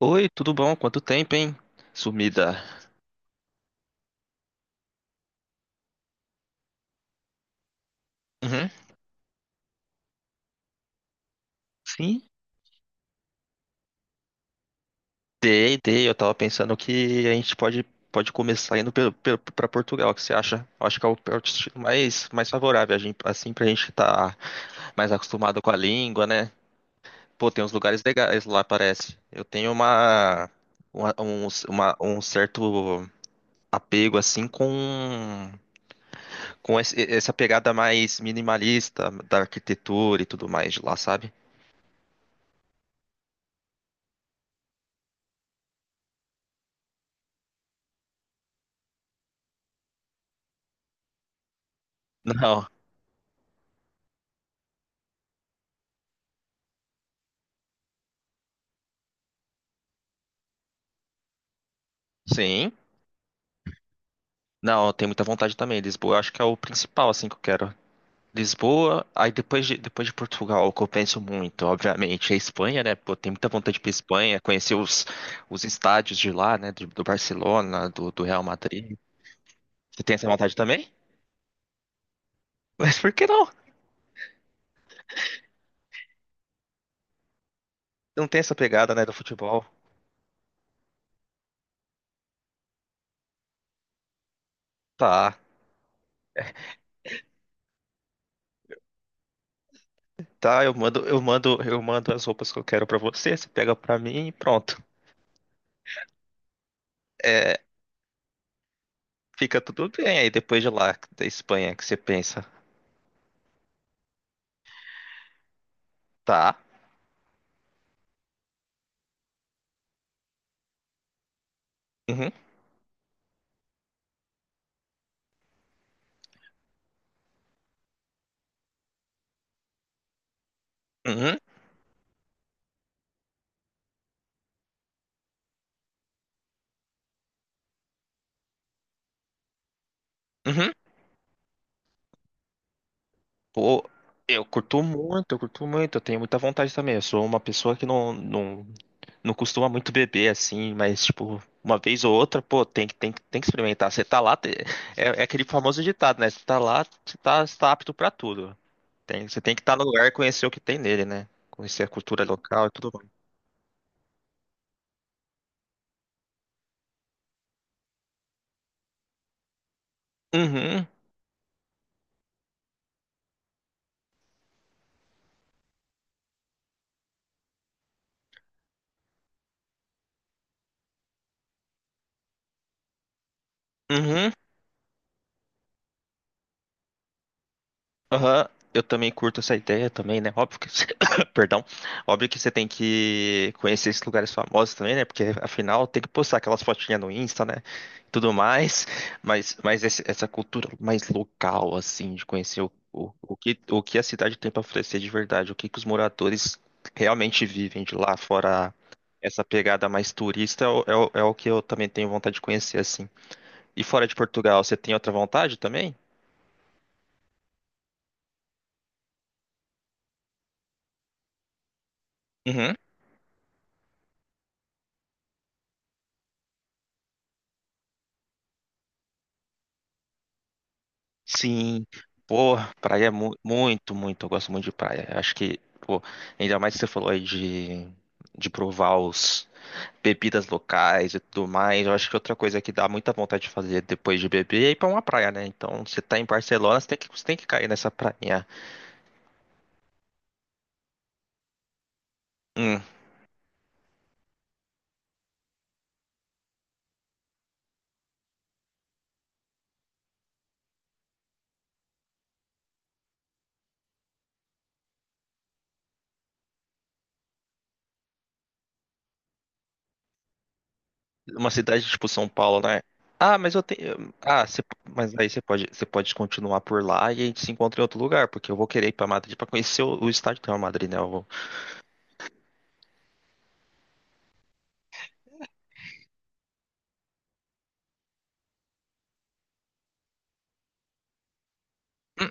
Oi, tudo bom? Quanto tempo, hein? Sumida. Uhum. Sim, dei. Eu tava pensando que pode começar indo pra Portugal. O que você acha? Eu acho que é o destino mais favorável, a gente, assim, pra gente estar mais acostumado com a língua, né? Pô, tem uns lugares legais lá, parece. Eu tenho uma- um, uma- Um certo apego, assim, com essa pegada mais minimalista da arquitetura e tudo mais de lá, sabe? Não. Sim. Não, eu tenho muita vontade também. Lisboa, eu acho que é o principal, assim, que eu quero. Lisboa, aí depois de Portugal, o que eu penso muito, obviamente, é a Espanha, né? Pô, tenho muita vontade de ir pra Espanha, os estádios de lá, né? Do Barcelona, do Real Madrid. Você tem essa vontade também? Mas por que não? Não tem essa pegada, né, do futebol. Tá, tá, eu mando as roupas que eu quero pra você, você pega pra mim e pronto. É, fica tudo bem aí depois de lá, da Espanha, que você pensa. Tá. Uhum, uhum, uhum. Pô, eu curto muito, eu tenho muita vontade também. Eu sou uma pessoa que não costuma muito beber assim, mas tipo, uma vez ou outra, pô, tem que experimentar. Você tá lá, é, é aquele famoso ditado, né? Você tá lá, você tá apto pra tudo. Tem, você tem que estar no lugar e conhecer o que tem nele, né? Conhecer a cultura local e tudo mais. Uhum, uhum. Aham, eu também curto essa ideia também, né? Óbvio que, perdão, óbvio que você tem que conhecer esses lugares famosos também, né? Porque afinal tem que postar aquelas fotinhas no Insta, né? E tudo mais, mas essa cultura mais local, assim, de conhecer o que a cidade tem para oferecer de verdade, o que que os moradores realmente vivem de lá, fora essa pegada mais turista, é o que eu também tenho vontade de conhecer, assim. E fora de Portugal, você tem outra vontade também? Sim, pô, praia é muito, muito. Eu gosto muito de praia. Acho que, pô, ainda mais que você falou aí de provar os bebidas locais e tudo mais. Eu acho que outra coisa que dá muita vontade de fazer depois de beber é ir pra uma praia, né? Então, você tá em Barcelona, você tem que cair nessa prainha. Hum, uma cidade tipo São Paulo, né? Ah, mas eu tenho. Ah, mas aí você pode continuar por lá e a gente se encontra em outro lugar, porque eu vou querer ir pra Madrid pra conhecer o estádio do Real Madrid, né? Hum,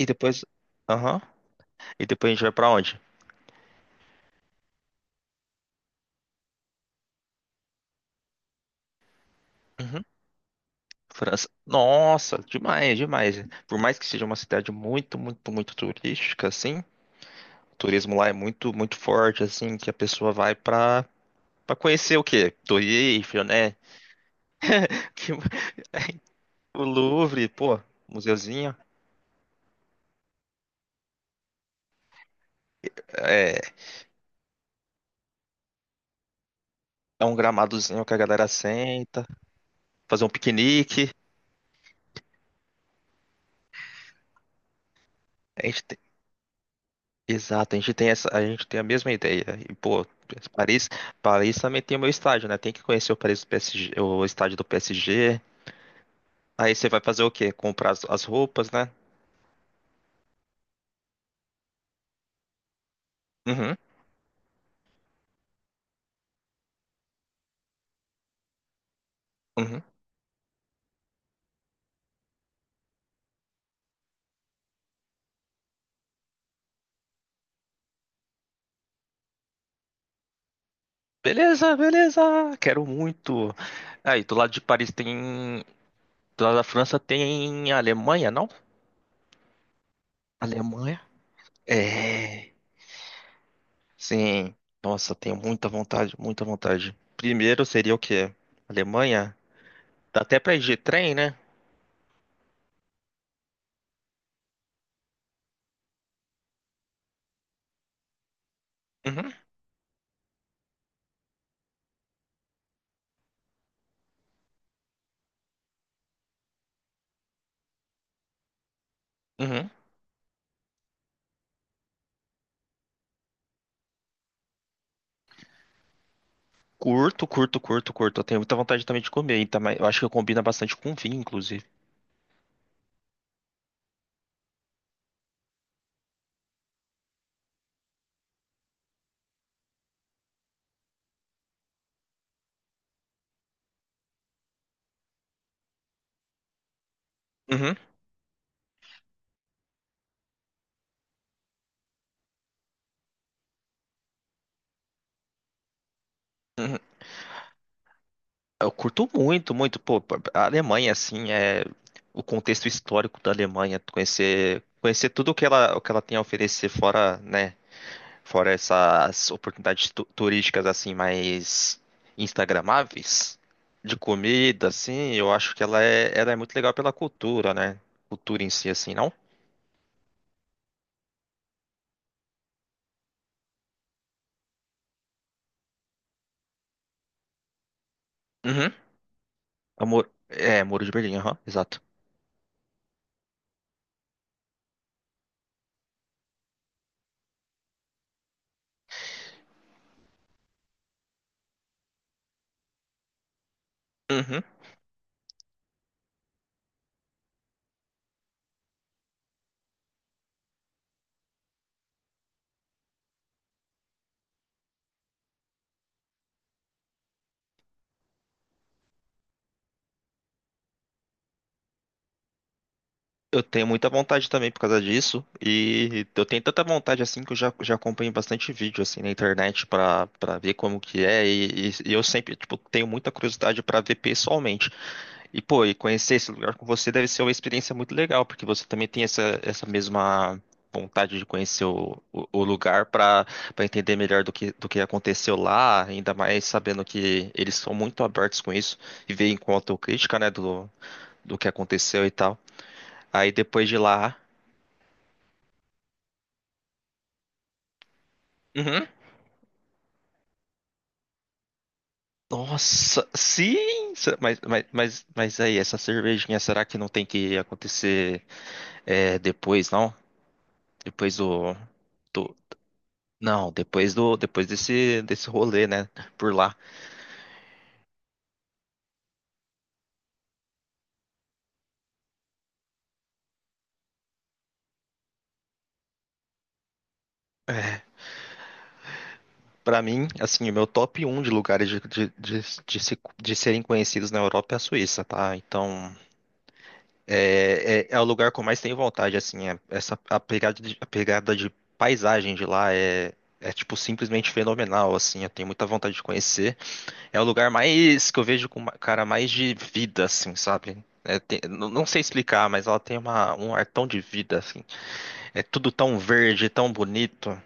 e depois. Aham. E depois a gente vai pra onde? Uhum. França. Nossa, demais, demais. Por mais que seja uma cidade muito turística, assim, o turismo lá é muito, muito forte, assim, que a pessoa vai pra conhecer o quê? Torre Eiffel, né? Que- o Louvre, pô, museuzinho. É, é um gramadozinho que a galera senta, fazer um piquenique. Exato, a gente tem essa, a gente tem a mesma ideia. E, pô, Paris, Paris também tem o meu estádio, né? Tem que conhecer o Paris do PSG, o estádio do PSG. Aí você vai fazer o quê? Comprar as roupas, né? Uhum, uhum. Beleza, beleza. Quero muito. Aí, do lado de Paris tem, do lado da França tem a Alemanha, não? Alemanha? É. Sim. Nossa, tenho muita vontade, muita vontade. Primeiro seria o quê? Alemanha? Dá até pra ir de trem, né? Uhum, uhum. Curto. Eu tenho muita vontade também de comer, então, mas eu acho que combina bastante com vinho, inclusive. Uhum, uhum. Eu curto muito, muito. Pô, a Alemanha, assim, é o contexto histórico da Alemanha, conhecer, conhecer tudo o que ela tem a oferecer fora, né? Fora essas oportunidades turísticas, assim, mais instagramáveis de comida, assim, eu acho que ela é muito legal pela cultura, né? Cultura em si, assim, não? Uhum. Amor, é, Muro de Berlim, aham, exato. Eu tenho muita vontade também por causa disso, e eu tenho tanta vontade assim que já acompanho bastante vídeo assim na internet pra para ver como que é, e eu sempre, tipo, tenho muita curiosidade pra ver pessoalmente. E pô, e conhecer esse lugar com você deve ser uma experiência muito legal, porque você também tem essa, essa mesma vontade de conhecer o lugar pra para entender melhor do que aconteceu lá, ainda mais sabendo que eles são muito abertos com isso e veem com autocrítica, né, do, do que aconteceu e tal. Aí depois de lá. Uhum. Nossa, sim! Mas, aí, essa cervejinha, será que não tem que acontecer é, depois, não? Depois do, do- Não, depois desse rolê, né? Por lá. É, pra mim, assim, o meu top um de lugares de de serem conhecidos na Europa é a Suíça, tá? Então, é o lugar que eu mais tenho vontade, assim. Essa, a pegada de paisagem de lá é, tipo, simplesmente fenomenal, assim. Eu tenho muita vontade de conhecer. É o lugar mais que eu vejo com, cara, mais de vida, assim, sabe? Não, não sei explicar, mas ela tem uma, um ar tão de vida, assim. É tudo tão verde, tão bonito.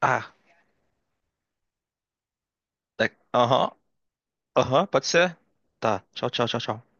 Ah, aham, aham, pode ser? Tá, tchau, tchau, tchau, tchau.